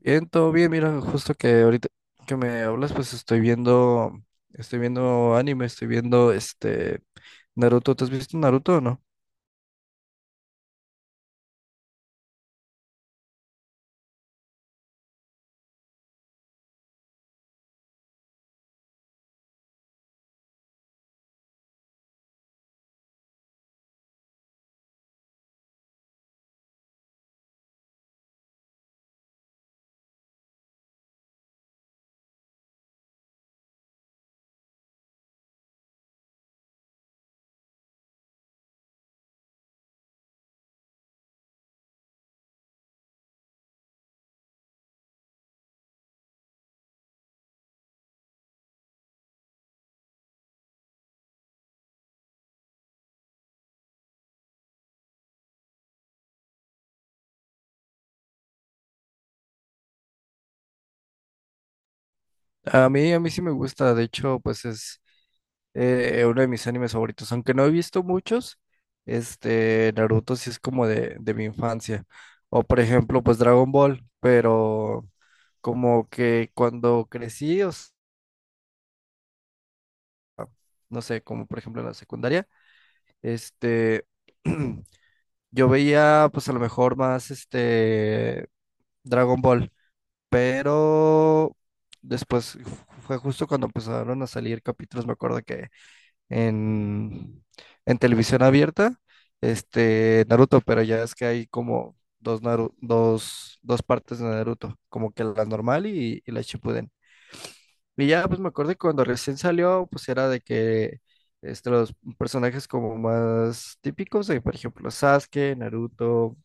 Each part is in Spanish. Bien, todo bien, mira, justo que ahorita que me hablas, pues estoy viendo anime, estoy viendo Naruto. ¿Te has visto Naruto o no? A mí sí me gusta, de hecho, pues es uno de mis animes favoritos, aunque no he visto muchos, Naruto sí es como de mi infancia. O por ejemplo, pues Dragon Ball, pero como que cuando crecí, no sé, como por ejemplo en la secundaria, este yo veía, pues a lo mejor más Dragon Ball, pero después fue justo cuando empezaron a salir capítulos, me acuerdo que en, en televisión abierta, Naruto, pero ya es que hay como dos, dos, dos partes de Naruto, como que la normal y la Shippuden. Y ya, pues me acuerdo que cuando recién salió, pues era de que los personajes como más típicos, de, por ejemplo, Sasuke, Naruto.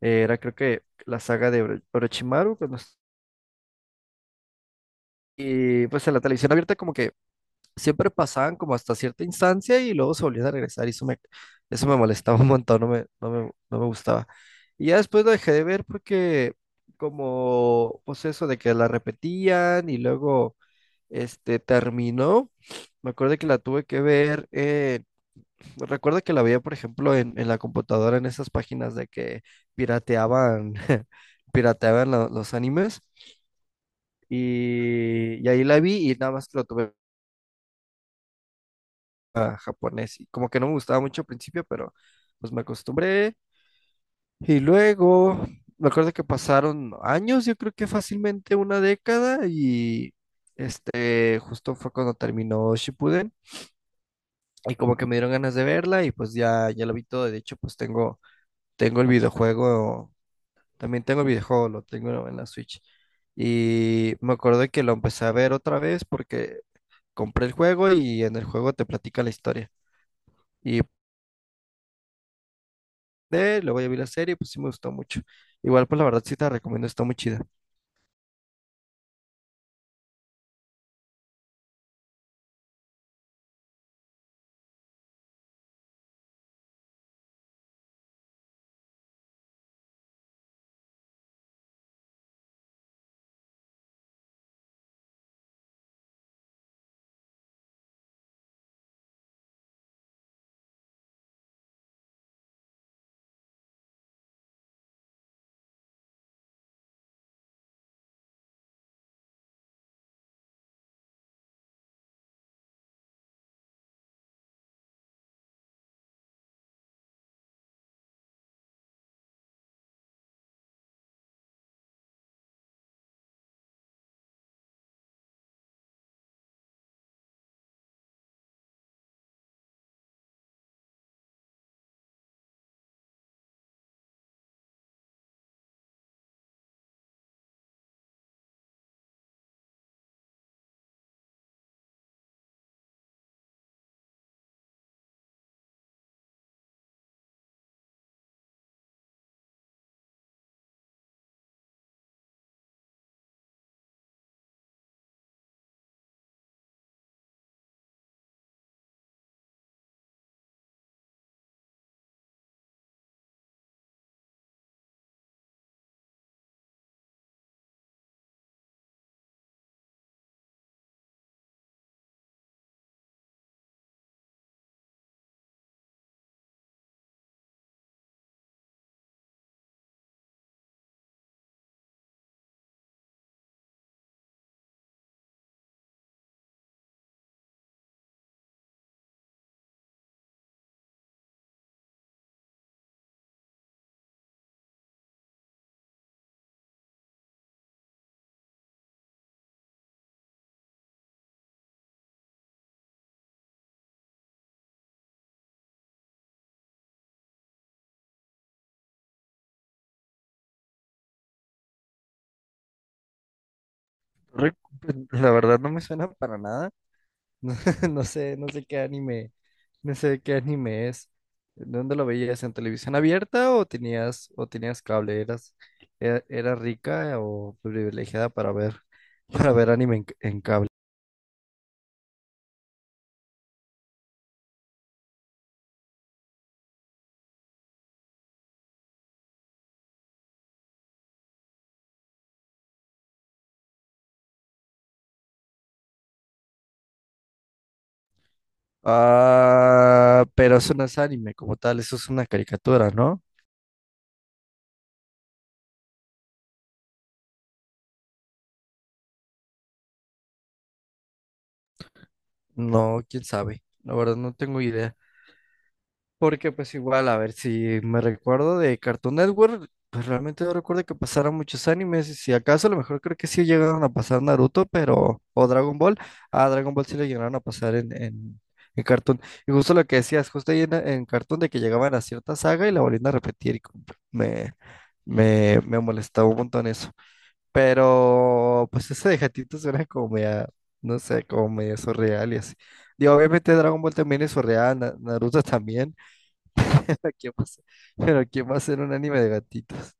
Era creo que la saga de Orochimaru. Y pues en la televisión abierta como que siempre pasaban como hasta cierta instancia y luego se volvían a regresar y eso me molestaba un montón, no me gustaba. Y ya después lo dejé de ver porque como pues eso de que la repetían y luego terminó. Me acuerdo que la tuve que ver, recuerdo que la veía, por ejemplo, en la computadora, en esas páginas de que pirateaban, pirateaban los animes. Y ahí la vi y nada más lo tuve a japonés. Y como que no me gustaba mucho al principio, pero pues me acostumbré. Y luego me acuerdo que pasaron años, yo creo que fácilmente una década. Y justo fue cuando terminó Shippuden. Y como que me dieron ganas de verla y pues ya, ya lo vi todo. De hecho, pues tengo, tengo el videojuego, también tengo el videojuego, lo tengo en la Switch. Y me acuerdo que lo empecé a ver otra vez porque compré el juego y en el juego te platica la historia. Y luego ya vi la serie, pues sí me gustó mucho. Igual, pues la verdad sí te la recomiendo, está muy chida. Rick, pues, la verdad no me suena para nada. No, no sé, no sé qué anime es. ¿Dónde lo veías? ¿En televisión abierta o tenías cable? ¿Eras, eras rica o privilegiada para ver, para ver anime en cable? Ah, pero eso no es anime como tal, eso es una caricatura, ¿no? No, quién sabe. La verdad no tengo idea. Porque pues igual, a ver, si me recuerdo de Cartoon Network, pues realmente no recuerdo que pasaran muchos animes. Y si acaso, a lo mejor creo que sí llegaron a pasar Naruto, pero... O Dragon Ball. Ah, Dragon Ball sí lo llegaron a pasar en Cartoon. Y justo lo que decías, justo ahí en Cartoon de que llegaban a cierta saga y la volvían a repetir. Y como me, me molestaba un montón eso. Pero pues ese de gatito suena como media, no sé, como medio surreal y así. Digo, obviamente Dragon Ball también es surreal, Naruto también. Pero ¿quién va a ser- pero ¿quién va a hacer un anime de gatitos?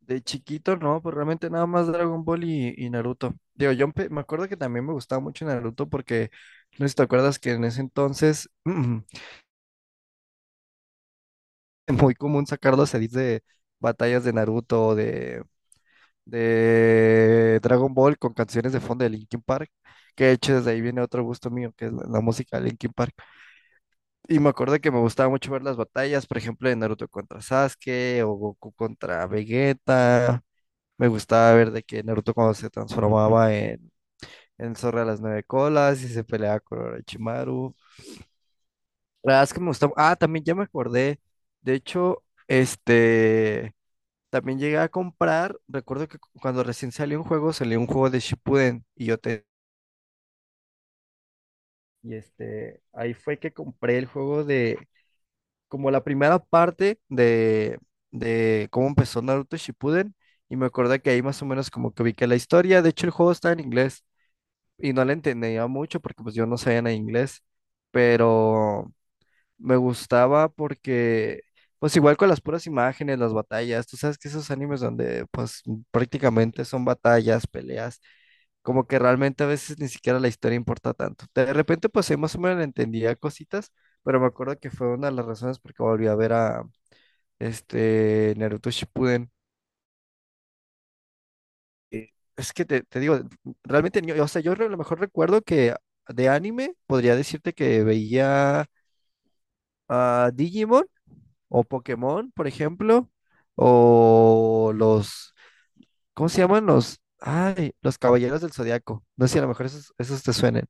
De chiquito, no, pues realmente nada más Dragon Ball y Naruto. Digo, me acuerdo que también me gustaba mucho Naruto porque, no sé si te acuerdas que en ese entonces muy común sacar los edits de batallas de Naruto, de Dragon Ball con canciones de fondo de Linkin Park, que de hecho desde ahí viene otro gusto mío, que es la música de Linkin Park. Y me acuerdo que me gustaba mucho ver las batallas, por ejemplo, de Naruto contra Sasuke o Goku contra Vegeta. Me gustaba ver de que Naruto cuando se transformaba en el zorro de las nueve colas y se peleaba con Orochimaru. La verdad es que me gustaba. Ah, también ya me acordé. De hecho, este... También llegué a comprar, recuerdo que cuando recién salió un juego de Shippuden y yo te... Y ahí fue que compré el juego de, como la primera parte de cómo empezó Naruto Shippuden y me acordé que ahí más o menos como que ubiqué la historia, de hecho el juego está en inglés y no la entendía mucho porque pues yo no sabía nada de inglés, pero me gustaba porque, pues igual con las puras imágenes, las batallas, tú sabes que esos animes donde pues prácticamente son batallas, peleas, como que realmente a veces ni siquiera la historia importa tanto. De repente pues ahí más o menos le entendía cositas, pero me acuerdo que fue una de las razones por que volví a ver a Naruto Shippuden. Eh, Es que te digo, realmente, o sea, yo a lo mejor recuerdo que de anime podría decirte que veía a Digimon o Pokémon, por ejemplo, o los, ¿cómo se llaman? Los, ay, los Caballeros del Zodiaco. No sé si a lo mejor esos, esos te suenen.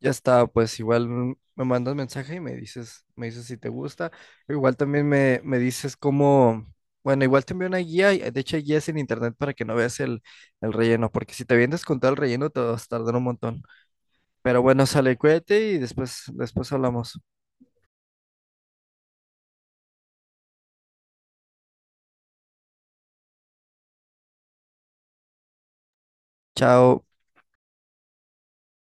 Ya está, pues igual me mandas mensaje y me dices si te gusta. Igual también me dices cómo, bueno, igual te envío una guía, de hecho hay guías en internet para que no veas el relleno, porque si te vienes con todo el relleno te vas a tardar un montón. Pero bueno, sale, cuídate y después, después hablamos. Chao.